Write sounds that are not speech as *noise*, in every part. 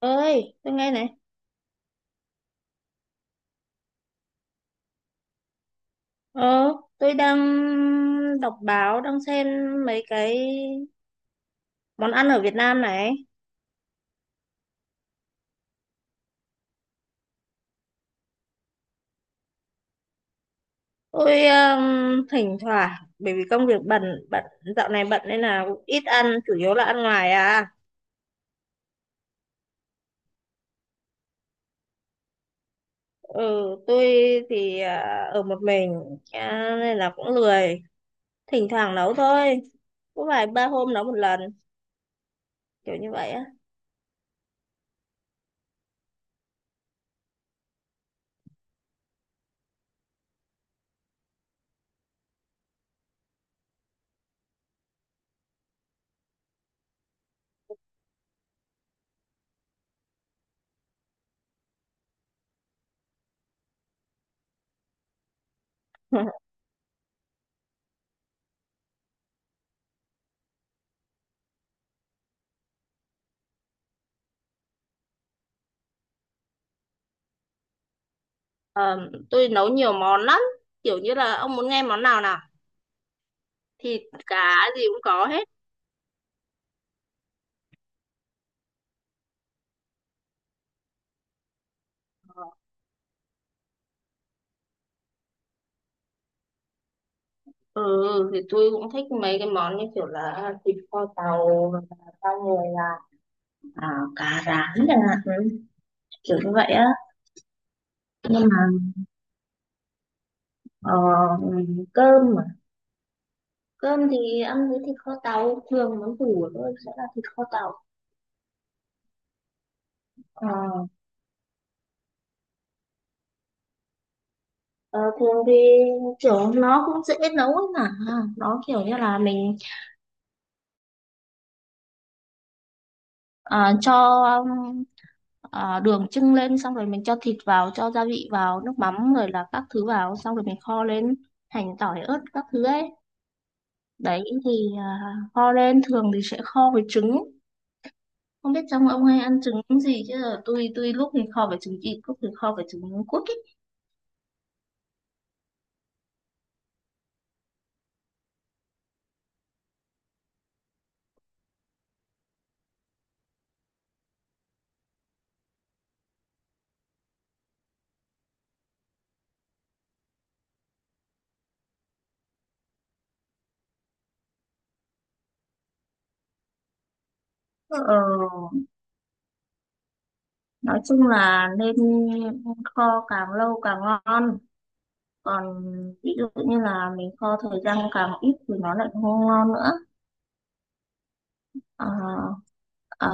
Ơi tôi nghe này. Ờ, tôi đang đọc báo, đang xem mấy cái món ăn ở Việt Nam này. Tôi thỉnh thoảng, bởi vì công việc bận, bận dạo này bận nên là cũng ít ăn, chủ yếu là ăn ngoài à. Ừ, tôi thì ở một mình, à, nên là cũng lười, thỉnh thoảng nấu thôi, có vài ba hôm nấu một lần, kiểu như vậy á. *laughs* Ờ, tôi nấu nhiều món lắm, kiểu như là ông muốn nghe món nào nào? Thịt cá gì cũng có hết. Ừ, thì tôi cũng thích mấy cái món như kiểu là thịt kho tàu hoặc là rau người là, à, cá rán chẳng hạn, ừ, kiểu như vậy á. Nhưng mà ờ, cơm mà, cơm thì ăn với thịt kho tàu, thường món củ của tôi sẽ là thịt kho tàu. Ờ, ờ, thường thì kiểu nó cũng dễ nấu ấy mà, nó kiểu như là mình, à, cho, um, à, đường chưng lên, xong rồi mình cho thịt vào, cho gia vị vào, nước mắm rồi là các thứ vào, xong rồi mình kho lên, hành tỏi ớt các thứ ấy. Đấy thì à, kho lên thường thì sẽ kho với trứng. Không biết trong ông hay ăn trứng gì chứ là tôi lúc thì kho với trứng vịt, lúc thì kho với trứng cút ấy. Ờ, nói chung là nên kho càng lâu càng ngon, còn ví dụ như là mình kho thời gian càng ít thì nó lại không ngon nữa. Ờ, ờ,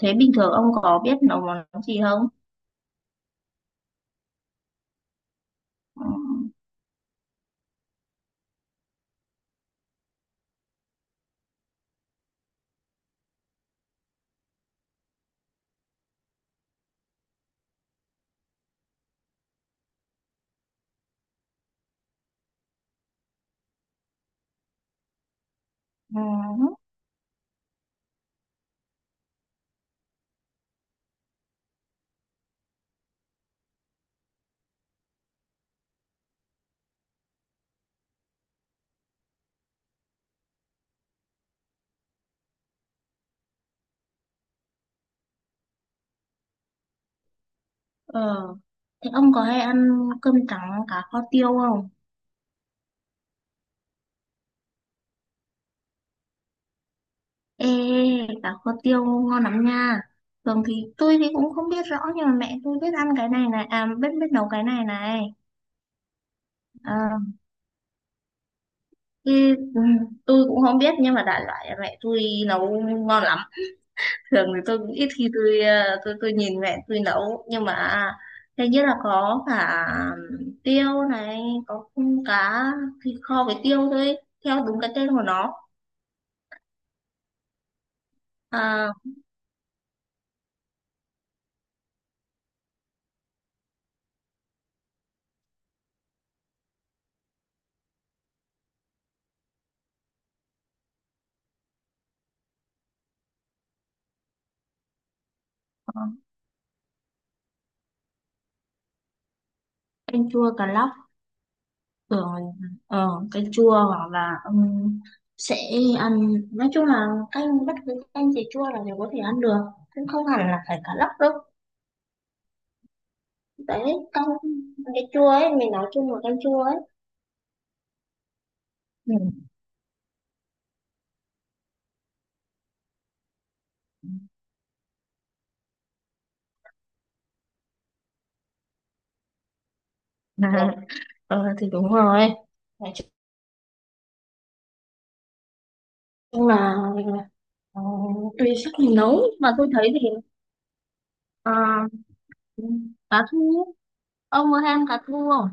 thế bình thường ông có biết nấu món gì không? Ừ. Ờ. Thế ông có hay ăn cơm trắng cá kho tiêu không? Ê, cá kho tiêu ngon lắm nha. Thường thì tôi thì cũng không biết rõ, nhưng mà mẹ tôi biết ăn cái này này, à biết, biết nấu cái này này. À, thì, ừ, tôi cũng không biết, nhưng mà đại loại là mẹ tôi nấu ngon lắm. Thường thì tôi cũng ít khi tôi ờ, tôi nhìn mẹ tôi nấu, nhưng mà thế nhất là có cả tiêu này, có cung cá, thịt kho với tiêu thôi, theo đúng cái tên của nó. À, có canh chua cà lóc, rồi ờ, canh chua hoặc là sẽ ăn, nói chung là canh bất cứ canh gì chua là đều có thể ăn được, cũng không hẳn là phải cà lóc đâu. Đấy, canh cái chua ấy, mình nói chung là canh chua ấy. Ừ. *laughs* À, ờ thì đúng rồi. Nói nhưng mà ờ, tùy sức mình nấu mà tôi thấy thì ờ, cá thu, ông có hay ăn cá thu không?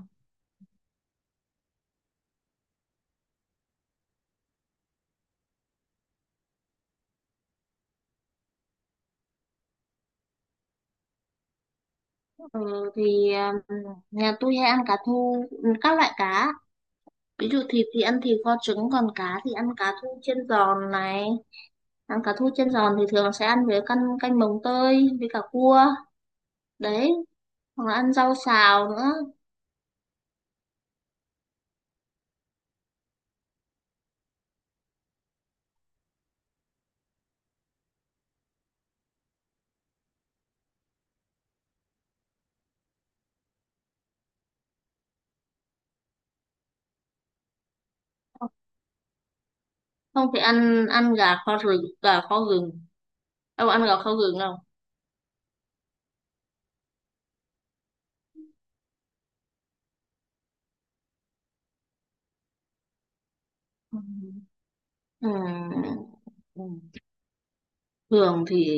Ừ, thì ờ, nhà tôi hay ăn cá thu, các loại cá, ví dụ thịt thì ăn thịt kho trứng, còn cá thì ăn cá thu chiên giòn này. Ăn cá thu chiên giòn thì thường sẽ ăn với canh, canh mồng tơi với cả cua. Đấy, hoặc là ăn rau xào nữa. Không thì ăn, ăn gà kho rừng, gà kho gừng. Ông ăn gà kho gừng không? Ừ. Ừ. Ừ. Thường thì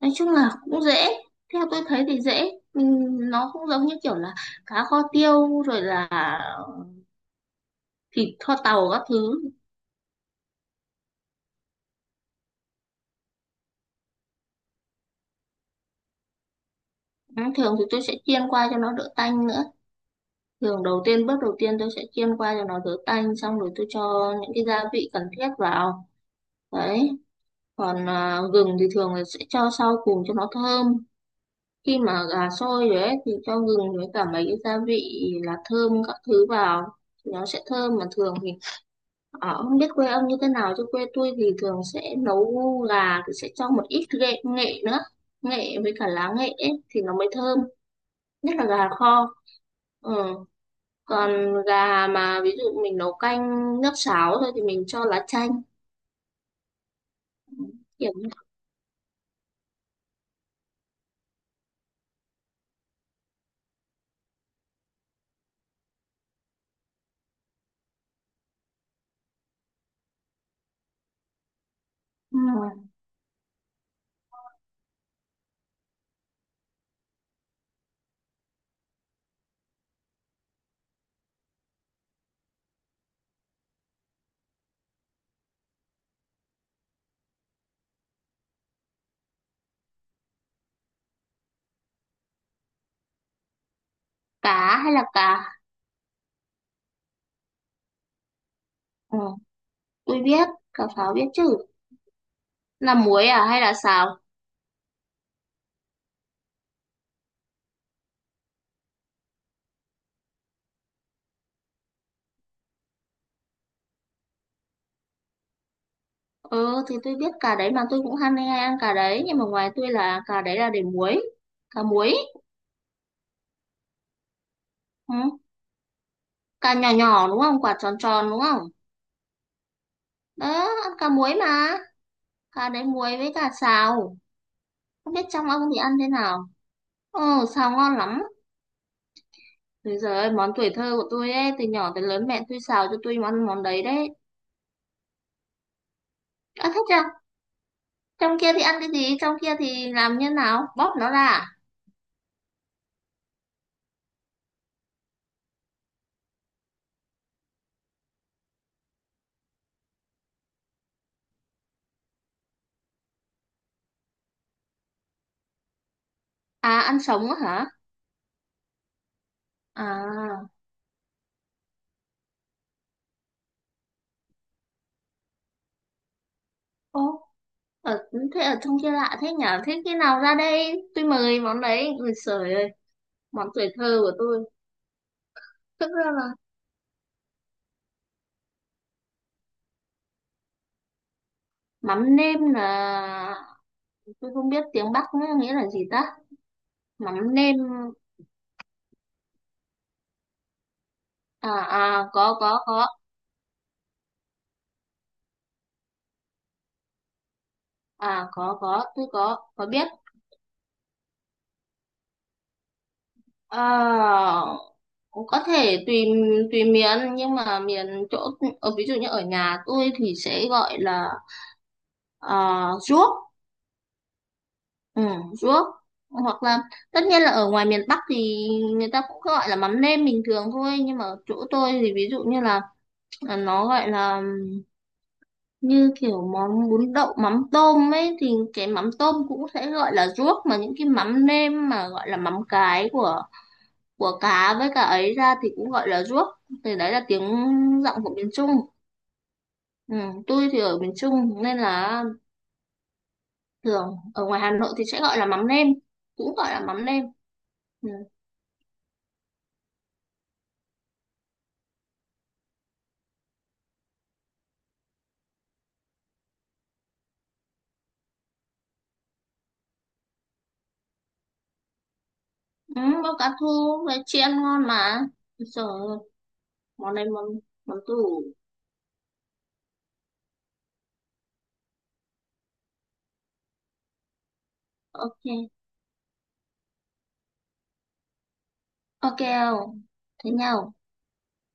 nói chung là cũng dễ, theo tôi thấy thì dễ, mình nó cũng giống như kiểu là cá kho tiêu rồi là thịt kho tàu các thứ. Ừ, thường thì tôi sẽ chiên qua cho nó đỡ tanh nữa. Thường đầu tiên, bước đầu tiên tôi sẽ chiên qua cho nó đỡ tanh, xong rồi tôi cho những cái gia vị cần thiết vào. Đấy, còn à, gừng thì thường là sẽ cho sau cùng cho nó thơm. Khi mà gà sôi rồi ấy, thì cho gừng với cả mấy cái gia vị là thơm các thứ vào, thì nó sẽ thơm. Mà thường thì ở, không biết quê ông như thế nào chứ quê tôi thì thường sẽ nấu gà thì sẽ cho một ít nghệ, nữa, nghệ với cả lá nghệ ấy, thì nó mới thơm. Nhất là gà kho. Ừ. Còn gà mà ví dụ mình nấu canh nước sáo thôi thì mình cho lá chanh. Ừ, kiểu như, ừ, cá hay là cá, ừ. Tôi biết cà pháo, biết chứ. Là muối à hay là xào? Ừ thì tôi biết cà đấy mà, tôi cũng ham hay ăn cà đấy, nhưng mà ngoài tôi là cà đấy là để muối, cà muối. Ừ. Cà nhỏ nhỏ đúng không, quả tròn tròn đúng không? Đó, ăn cà muối mà, cà đấy muối với cà xào. Không biết trong ông thì ăn thế nào? Ừ, xào ngon lắm. Thế giờ ơi, món tuổi thơ của tôi ấy, từ nhỏ tới lớn mẹ tôi xào cho tôi món, đấy đấy. À, thích chưa? Trong kia thì ăn cái gì, trong kia thì làm như nào, bóp nó ra à? À, ăn sống á hả? À, ô, ở, thế ở trong kia lạ thế nhở. Thế khi nào ra đây tôi mời món đấy, người sởi ơi, món tuổi thơ của tôi. Tức ra là mắm nêm là, tôi không biết tiếng Bắc nữa, nghĩa là gì ta? Mắm nêm. À, có có. À có tôi có biết. À, có thể tùy, miền, nhưng mà miền chỗ ở, ví dụ như ở nhà tôi thì sẽ gọi là, à, ruốc. Ừ, ruốc, hoặc là, tất nhiên là ở ngoài miền Bắc thì người ta cũng gọi là mắm nêm bình thường thôi, nhưng mà ở chỗ tôi thì ví dụ như là, nó gọi là, như kiểu món bún đậu mắm tôm ấy, thì cái mắm tôm cũng sẽ gọi là ruốc, mà những cái mắm nêm mà gọi là mắm cái của, cá với cả ấy ra thì cũng gọi là ruốc. Thì đấy là tiếng, giọng của miền Trung. Ừ, tôi thì ở miền Trung nên là thường ở ngoài Hà Nội thì sẽ gọi là mắm nêm, cũng gọi là mắm nêm. Ừ. Ừ, có cá thu với chị ăn ngon mà. Rồi, món này món, tủ. Ok. Ok không? Thế nhau.